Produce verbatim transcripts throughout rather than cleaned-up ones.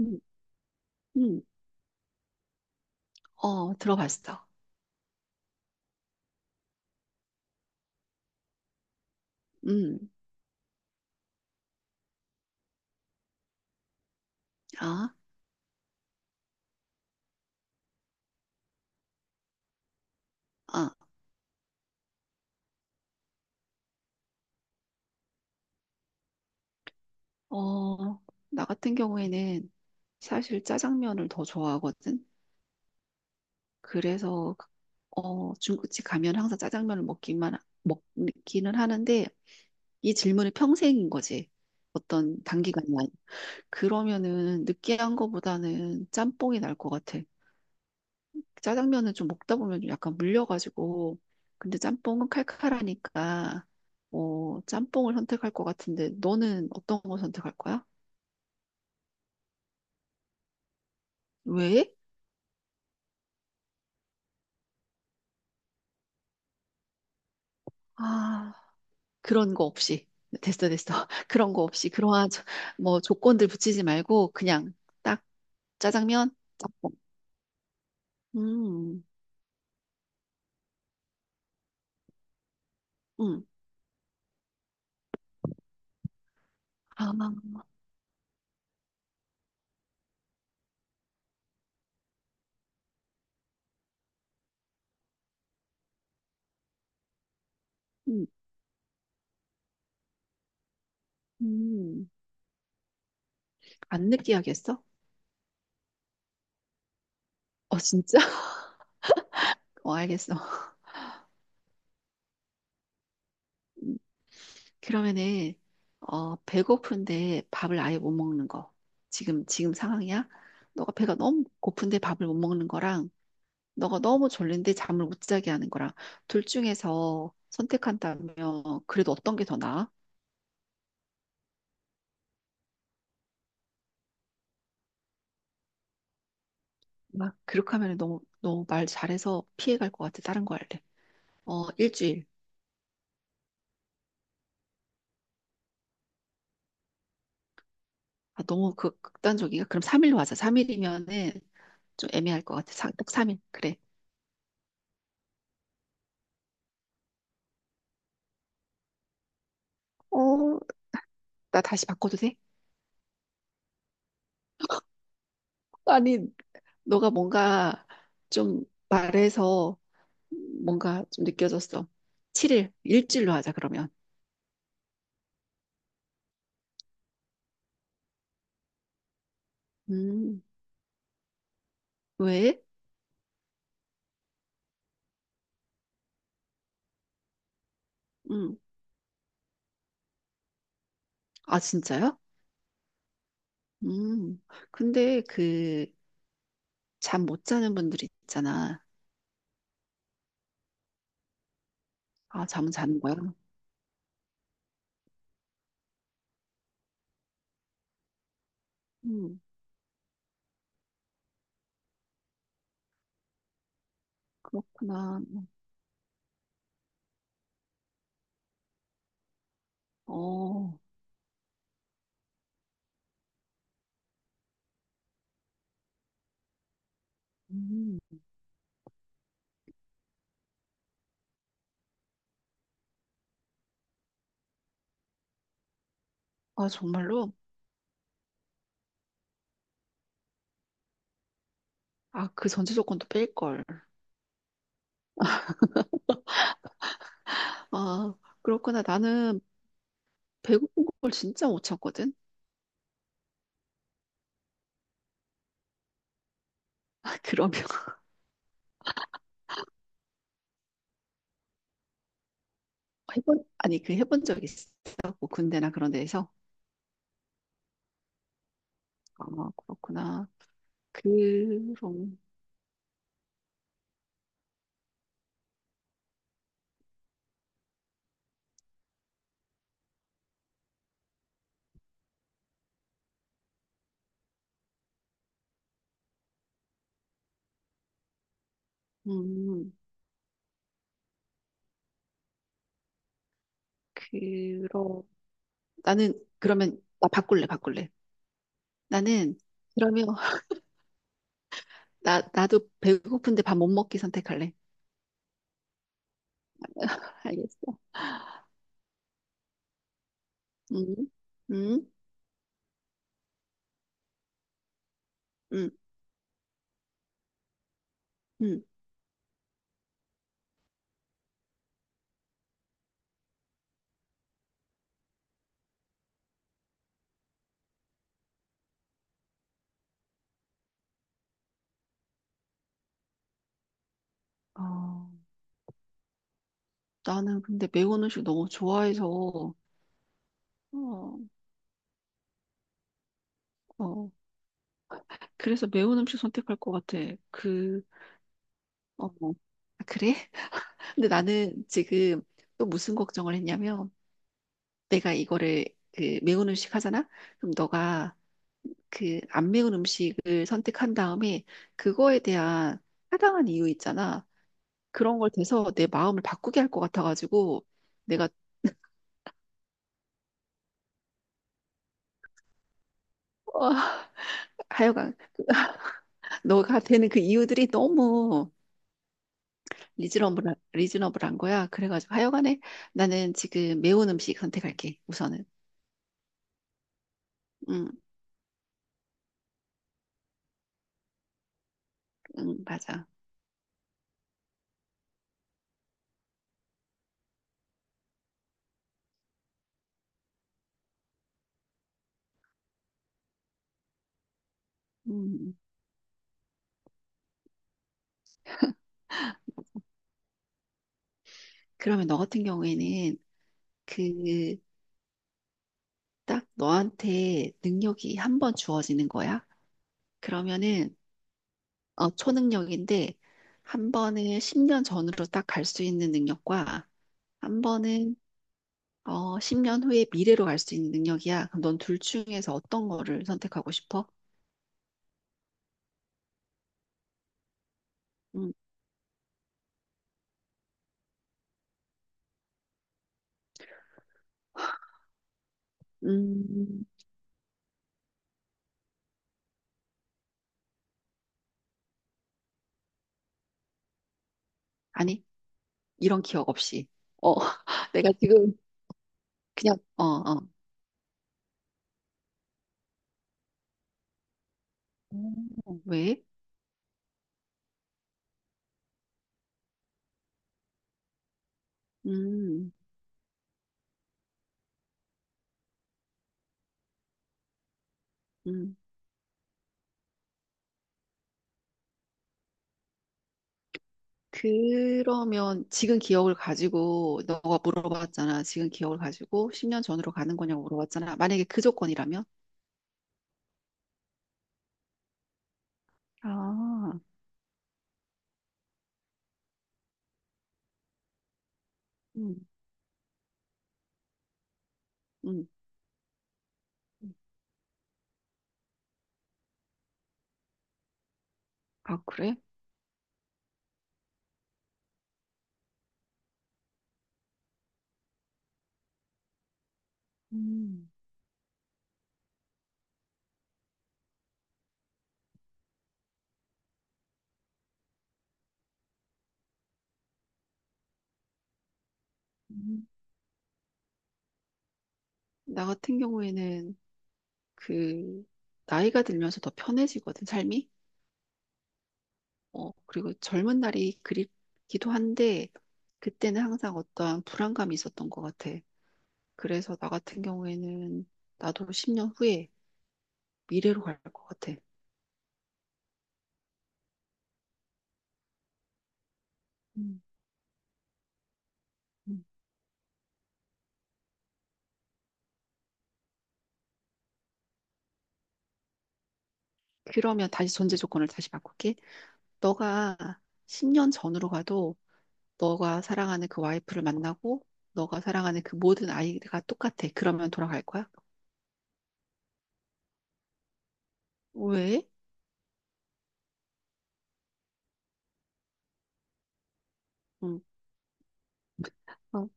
음, 음, 어, 들어봤어. 음, 아, 아, 어, 나 같은 경우에는 사실 짜장면을 더 좋아하거든. 그래서, 그, 어, 중국집 가면 항상 짜장면을 먹기만, 하- 먹기는 하는데, 이 질문이 평생인 거지. 어떤 단기간이 아니. 그러면은 느끼한 거보다는 짬뽕이 날 것 같아. 그 짜장면은 좀 먹다 보면 좀 약간 물려가지고 근데 짬뽕은 칼칼하니까 어, 짬뽕을 선택할 것 같은데 너는 어떤 거 선택할 거야? 왜? 아, 그런 거 없이 됐어 됐어 그런 거 없이 그러한 저- 뭐 조건들 붙이지 말고 그냥 딱 짜장면 짬뽕. 음, 음, 아, 음, 음. 안 느끼하게 했어? 어 진짜? 어 알겠어. 음. 그러면은 어 배고픈데 밥을 아예 못 먹는 거 지금 지금 상황이야? 너가 배가 너무 고픈데 밥을 못 먹는 거랑 너가 너무 졸린데 잠을 못 자게 하는 거랑 둘 중에서 선택한다면 그래도 어떤 게 더 나아? 막 그렇게 하면 너무 너무 말 잘해서 피해갈 것 같아. 다른 거 할래. 어 일주일. 아 너무 극, 극단적이야. 그럼 삼 일로 하자. 삼 일이면은 좀 애매할 것 같아. 사- 딱 삼 일. 그래. 어 나 다시 바꿔도 돼? 아니 너가 뭔가 좀 말해서 뭔가 좀 느껴졌어. 칠 일, 일주일로 하자, 그러면. 음, 왜? 음, 아, 진짜요? 음, 근데 그, 잠 못 자는 분들 있잖아. 아, 잠은 자는 거야? 음, 그렇구나. 어, 음, 아, 정말로? 아, 그 전제 조건도 뺄걸. 아, 그렇구나. 나는 배고픈 걸 진짜 못 참거든? 그러면. 해본, 아니, 그 해본 적 있어? 뭐 군대나 그런 데에서? 아, 그렇구나. 그럼, 음, 그러, 나는, 그러면, 나 바꿀래, 바꿀래. 나는, 그러면, 나, 나도 배고픈데 밥 못 먹기 선택할래. 알겠어. 음, 음, 음, 음. 어, 나는 근데 매운 음식 너무 좋아해서, 어, 어, 그래서 매운 음식 선택할 것 같아. 그, 어, 어. 아, 그래? 근데 나는 지금 또 무슨 걱정을 했냐면, 내가 이거를 그 매운 음식 하잖아? 그럼 너가 그 안 매운 음식을 선택한 다음에 그거에 대한 타당한 이유 있잖아. 그런 걸 대서 내 마음을 바꾸게 할 것 같아가지고 내가 하여간 너가 되는 그 이유들이 너무 리즈너블한, 리즈너블한 거야. 그래가지고 하여간에 나는 지금 매운 음식 선택할게. 우선은. 응, 응, 맞아. 음. 그러면 너 같은 경우에는 그 딱 너한테 능력이 한 번 주어지는 거야. 그러면은 어, 초능력인데 한 번은 십 년 전으로 딱 갈 수 있는 능력과 한 번은 어, 십 년 후에 미래로 갈 수 있는 능력이야. 그럼 넌 둘 중에서 어떤 거를 선택하고 싶어? 음, 음, 아니, 이런 기억 없이. 어, 내가 지금 그냥 어, 어. 음, 왜? 음, 음. 그러면 지금 기억을 가지고 너가 물어봤잖아. 지금 기억을 가지고 십 년 전으로 가는 거냐고 물어봤잖아. 만약에 그 조건이라면? 아, 음, 음. 아, 그래? 음. 음. 나 같은 경우에는 그 나이가 들면서 더 편해지거든, 삶이. 어, 그리고 젊은 날이 그립기도 한데 그때는 항상 어떠한 불안감이 있었던 것 같아. 그래서 나 같은 경우에는 나도 십 년 후에 미래로 갈 것 같아. 음. 음. 그러면 다시 전제 조건을 다시 바꿀게. 너가 십 년 전으로 가도 너가 사랑하는 그 와이프를 만나고 너가 사랑하는 그 모든 아이가 똑같아. 그러면 돌아갈 거야? 왜? 음, 어,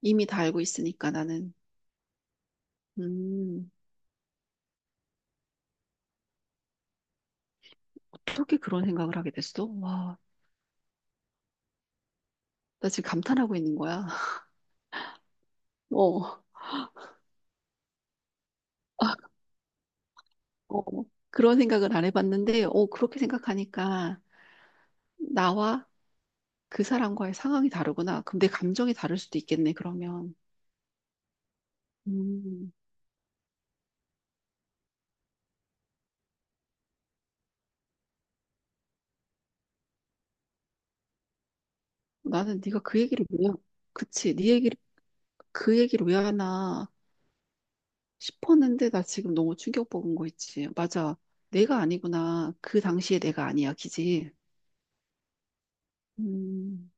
이미 다 알고 있으니까 나는. 음, 어떻게 그런 생각을 하게 됐어? 와, 나 지금 감탄하고 있는 거야. 어, 어, 그런 생각을 안 해봤는데, 어, 그렇게 생각하니까 나와 그 사람과의 상황이 다르구나. 그럼 내 감정이 다를 수도 있겠네, 그러면. 음. 나는 네가 그 얘기를 왜, 그치, 네 얘기를, 그 얘기를 왜 하나 싶었는데 나 지금 너무 충격받은 거 있지. 맞아. 내가 아니구나. 그 당시에 내가 아니야, 기지. 음,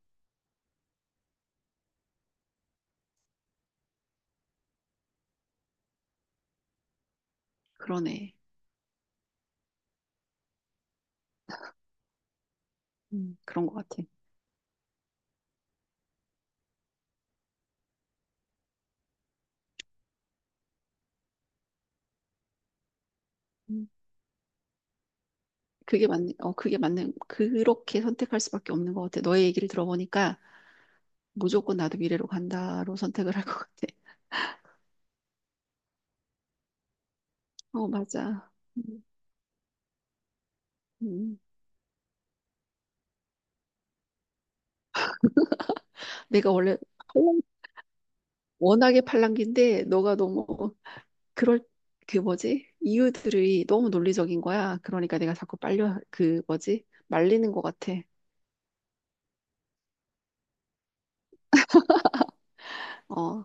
그러네. 음, 그런 것 같아. 음, 그게 맞는, 어, 그게 맞는, 그렇게 선택할 수밖에 없는 것 같아. 너의 얘기를 들어보니까 무조건 나도 미래로 간다로 선택을 할 것 같아. 어, 맞아. 음, 음. 내가 원래 팔랑- 워낙에 팔랑귀인데 너가 너무 그럴 그 뭐지? 이유들이 너무 논리적인 거야. 그러니까 내가 자꾸 빨려 그 뭐지? 말리는 것 같아. 어,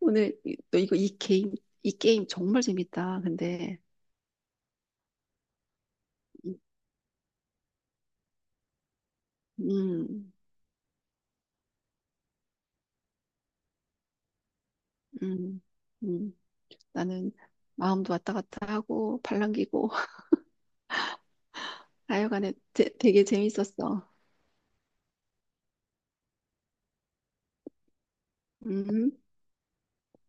오늘 이- 너 이거 이 게임 이 게임 정말 재밌다. 근데 음, 음, 음, 나는 마음도 왔다 갔다 하고 팔랑귀고 하여간에 되, 되게 재밌었어. 음.